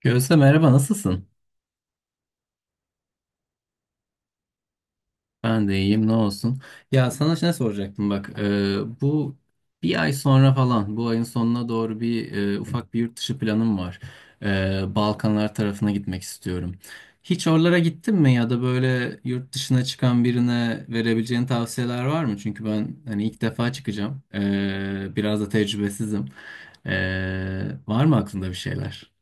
Gözde merhaba, nasılsın? Ben de iyiyim, ne olsun. Ya sana ne soracaktım bak, bu bir ay sonra falan, bu ayın sonuna doğru bir ufak bir yurt dışı planım var. Balkanlar tarafına gitmek istiyorum. Hiç oralara gittin mi, ya da böyle yurt dışına çıkan birine verebileceğin tavsiyeler var mı? Çünkü ben hani ilk defa çıkacağım. Biraz da tecrübesizim. Var mı aklında bir şeyler?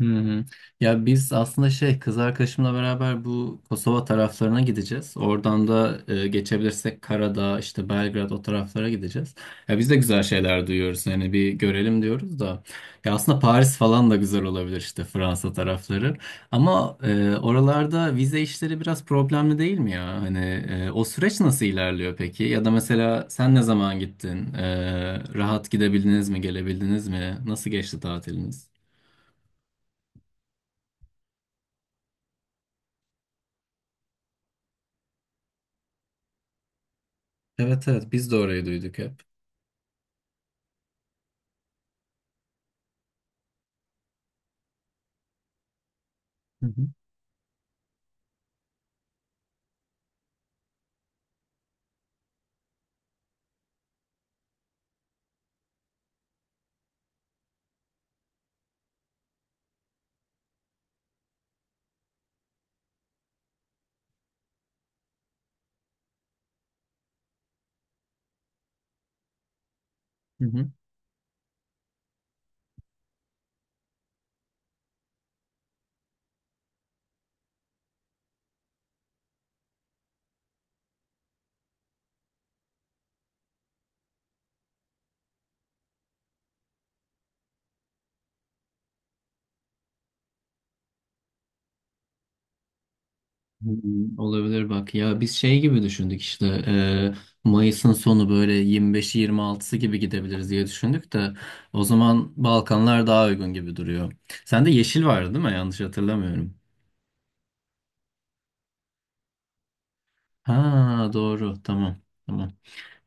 Hı hı. Ya biz aslında şey, kız arkadaşımla beraber bu Kosova taraflarına gideceğiz. Oradan da geçebilirsek Karadağ, işte Belgrad, o taraflara gideceğiz. Ya biz de güzel şeyler duyuyoruz. Yani bir görelim diyoruz da. Ya aslında Paris falan da güzel olabilir, işte Fransa tarafları. Ama oralarda vize işleri biraz problemli değil mi ya? Hani o süreç nasıl ilerliyor peki? Ya da mesela sen ne zaman gittin? Rahat gidebildiniz mi, gelebildiniz mi? Nasıl geçti tatiliniz? Evet, evet, biz de orayı duyduk hep. Hı hı, hı hı. Hmm, olabilir. Bak ya, biz şey gibi düşündük, işte Mayıs'ın sonu, böyle 25'i 26'sı gibi gidebiliriz diye düşündük de, o zaman Balkanlar daha uygun gibi duruyor. Sende yeşil vardı değil mi? Yanlış hatırlamıyorum. Ha doğru, tamam, tamam.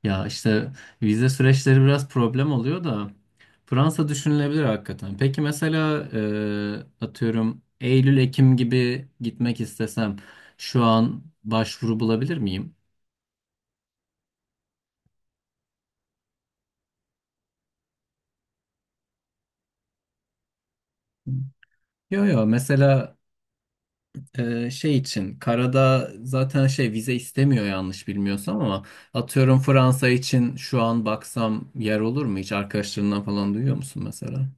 Ya işte, vize süreçleri biraz problem oluyor da Fransa düşünülebilir hakikaten. Peki mesela atıyorum Eylül-Ekim gibi gitmek istesem şu an başvuru bulabilir miyim? Yo, yo, mesela şey için karada zaten şey vize istemiyor, yanlış bilmiyorsam, ama atıyorum Fransa için şu an baksam yer olur mu? Hiç arkadaşlarından falan duyuyor musun mesela?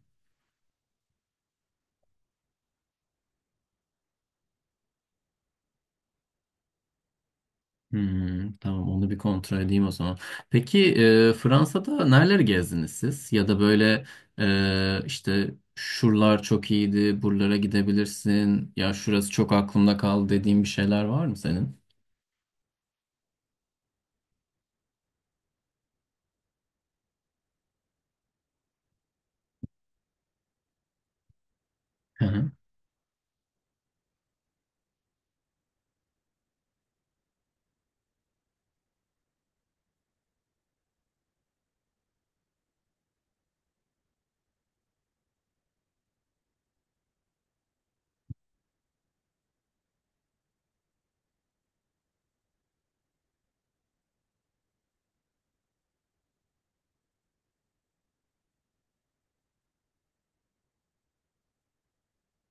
Hmm, tamam, onu bir kontrol edeyim o zaman. Peki Fransa'da nereleri gezdiniz siz? Ya da böyle işte şuralar çok iyiydi, buralara gidebilirsin. Ya şurası çok aklımda kaldı dediğin bir şeyler var mı senin? Hı hı.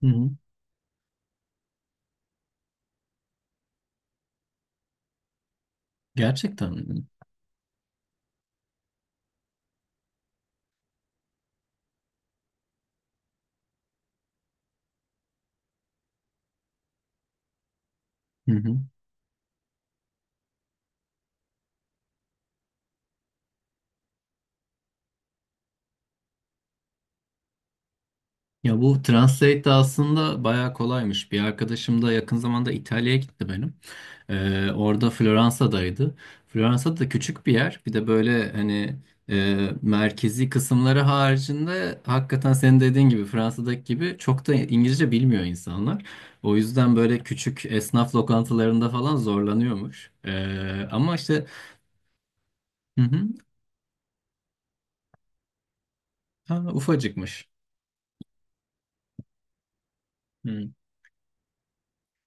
Hı hı. Gerçekten mi? Hı hı. Ya bu Translate de aslında bayağı kolaymış. Bir arkadaşım da yakın zamanda İtalya'ya gitti benim. Orada Floransa'daydı. Floransa da küçük bir yer. Bir de böyle hani merkezi kısımları haricinde hakikaten senin dediğin gibi, Fransa'daki gibi, çok da İngilizce bilmiyor insanlar. O yüzden böyle küçük esnaf lokantalarında falan zorlanıyormuş. Ama işte, hı hı, ha, ufacıkmış. Hı.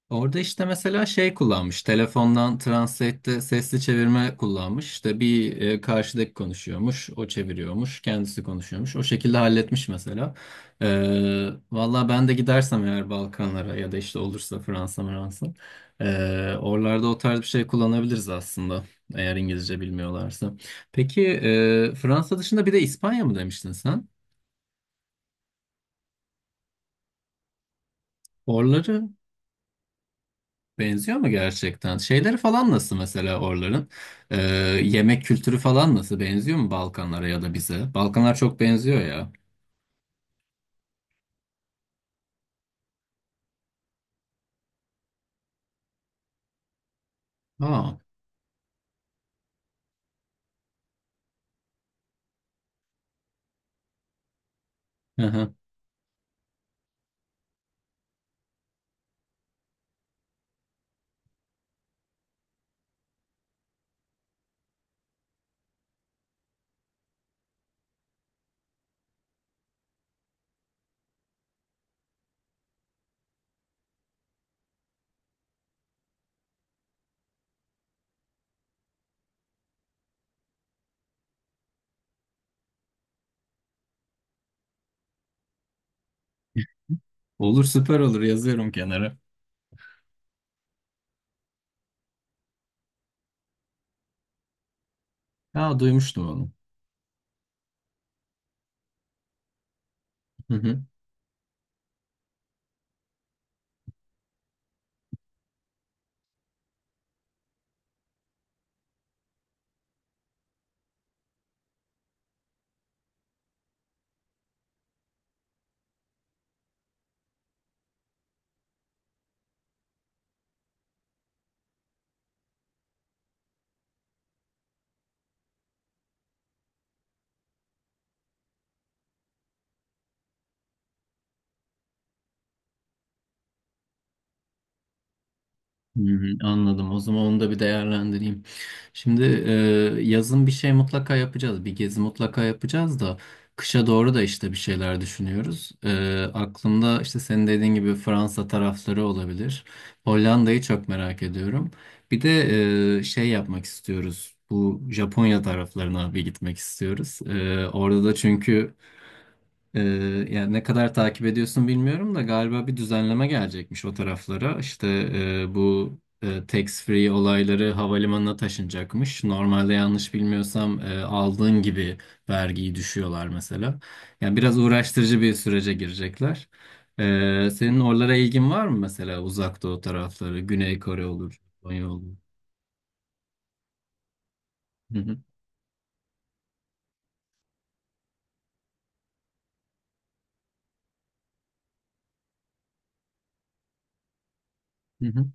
Orada işte mesela şey kullanmış. Telefondan Translate'de sesli çevirme kullanmış. İşte bir, karşıdaki konuşuyormuş, o çeviriyormuş, kendisi konuşuyormuş. O şekilde halletmiş mesela. Valla ben de gidersem eğer Balkanlara ya da işte olursa Fransa, Fransa, oralarda o tarz bir şey kullanabiliriz aslında, eğer İngilizce bilmiyorlarsa. Peki Fransa dışında bir de İspanya mı demiştin sen? Oraları benziyor mu gerçekten? Şeyleri falan nasıl mesela oraların? Ee, Yemek kültürü falan nasıl? Benziyor mu Balkanlara ya da bize? Balkanlar çok benziyor ya. Aa, hı hı. Olur, süper, olur, yazıyorum kenara. Aa, duymuştum onu. Hı hı. Hmm, anladım. O zaman onu da bir değerlendireyim. Şimdi yazın bir şey mutlaka yapacağız. Bir gezi mutlaka yapacağız da kışa doğru da işte bir şeyler düşünüyoruz. Aklımda işte senin dediğin gibi Fransa tarafları olabilir. Hollanda'yı çok merak ediyorum. Bir de şey yapmak istiyoruz. Bu Japonya taraflarına bir gitmek istiyoruz. Orada da çünkü ee, yani ne kadar takip ediyorsun bilmiyorum da, galiba bir düzenleme gelecekmiş o taraflara. İşte bu tax free olayları havalimanına taşınacakmış. Normalde yanlış bilmiyorsam aldığın gibi vergiyi düşüyorlar mesela. Yani biraz uğraştırıcı bir sürece girecekler. Senin oralara ilgin var mı mesela? Uzak Doğu tarafları, Güney Kore olur, Japonya olur? Hı hı, hı hı.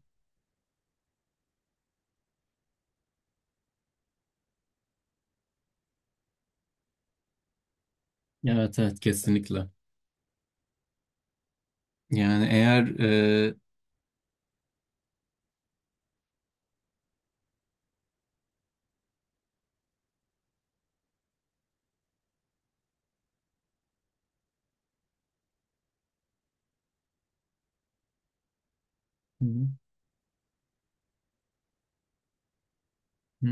Evet, evet, kesinlikle. Yani eğer hı hı.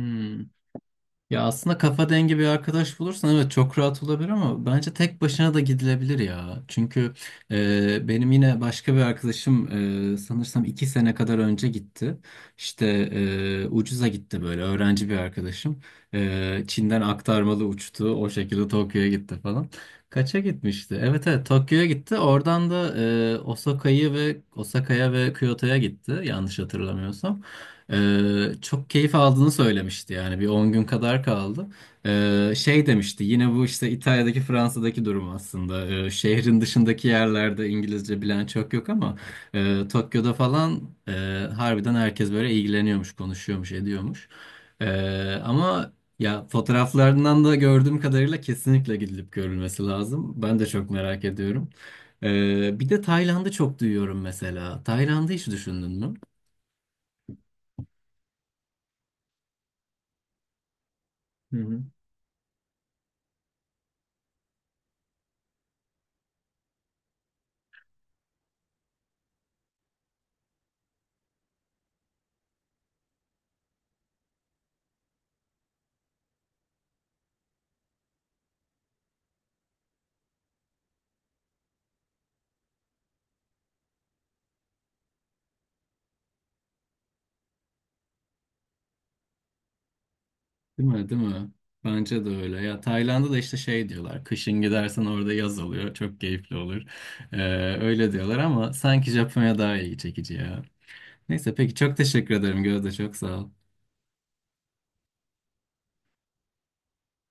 Ya aslında kafa dengi bir arkadaş bulursan evet çok rahat olabilir, ama bence tek başına da gidilebilir ya. Çünkü benim yine başka bir arkadaşım sanırsam 2 sene kadar önce gitti. İşte ucuza gitti, böyle öğrenci bir arkadaşım. Çin'den aktarmalı uçtu, o şekilde Tokyo'ya gitti falan. Kaça gitmişti? Evet, evet, Tokyo'ya gitti. Oradan da Osaka'yı ve Osaka'ya ve Kyoto'ya gitti, yanlış hatırlamıyorsam. Çok keyif aldığını söylemişti, yani bir 10 gün kadar kaldı. Şey demişti, yine bu işte İtalya'daki, Fransa'daki durum aslında. Şehrin dışındaki yerlerde İngilizce bilen çok yok, ama Tokyo'da falan harbiden herkes böyle ilgileniyormuş, konuşuyormuş, ediyormuş. Ama ya, fotoğraflarından da gördüğüm kadarıyla kesinlikle gidilip görülmesi lazım. Ben de çok merak ediyorum. Bir de Tayland'ı çok duyuyorum mesela. Tayland'ı hiç düşündün mü? Değil mi? Değil mi? Bence de öyle. Ya Tayland'da da işte şey diyorlar. Kışın gidersen orada yaz oluyor. Çok keyifli olur. Ee, öyle diyorlar ama sanki Japonya daha ilgi çekici ya. Neyse, peki, çok teşekkür ederim Gözde. Çok sağ ol.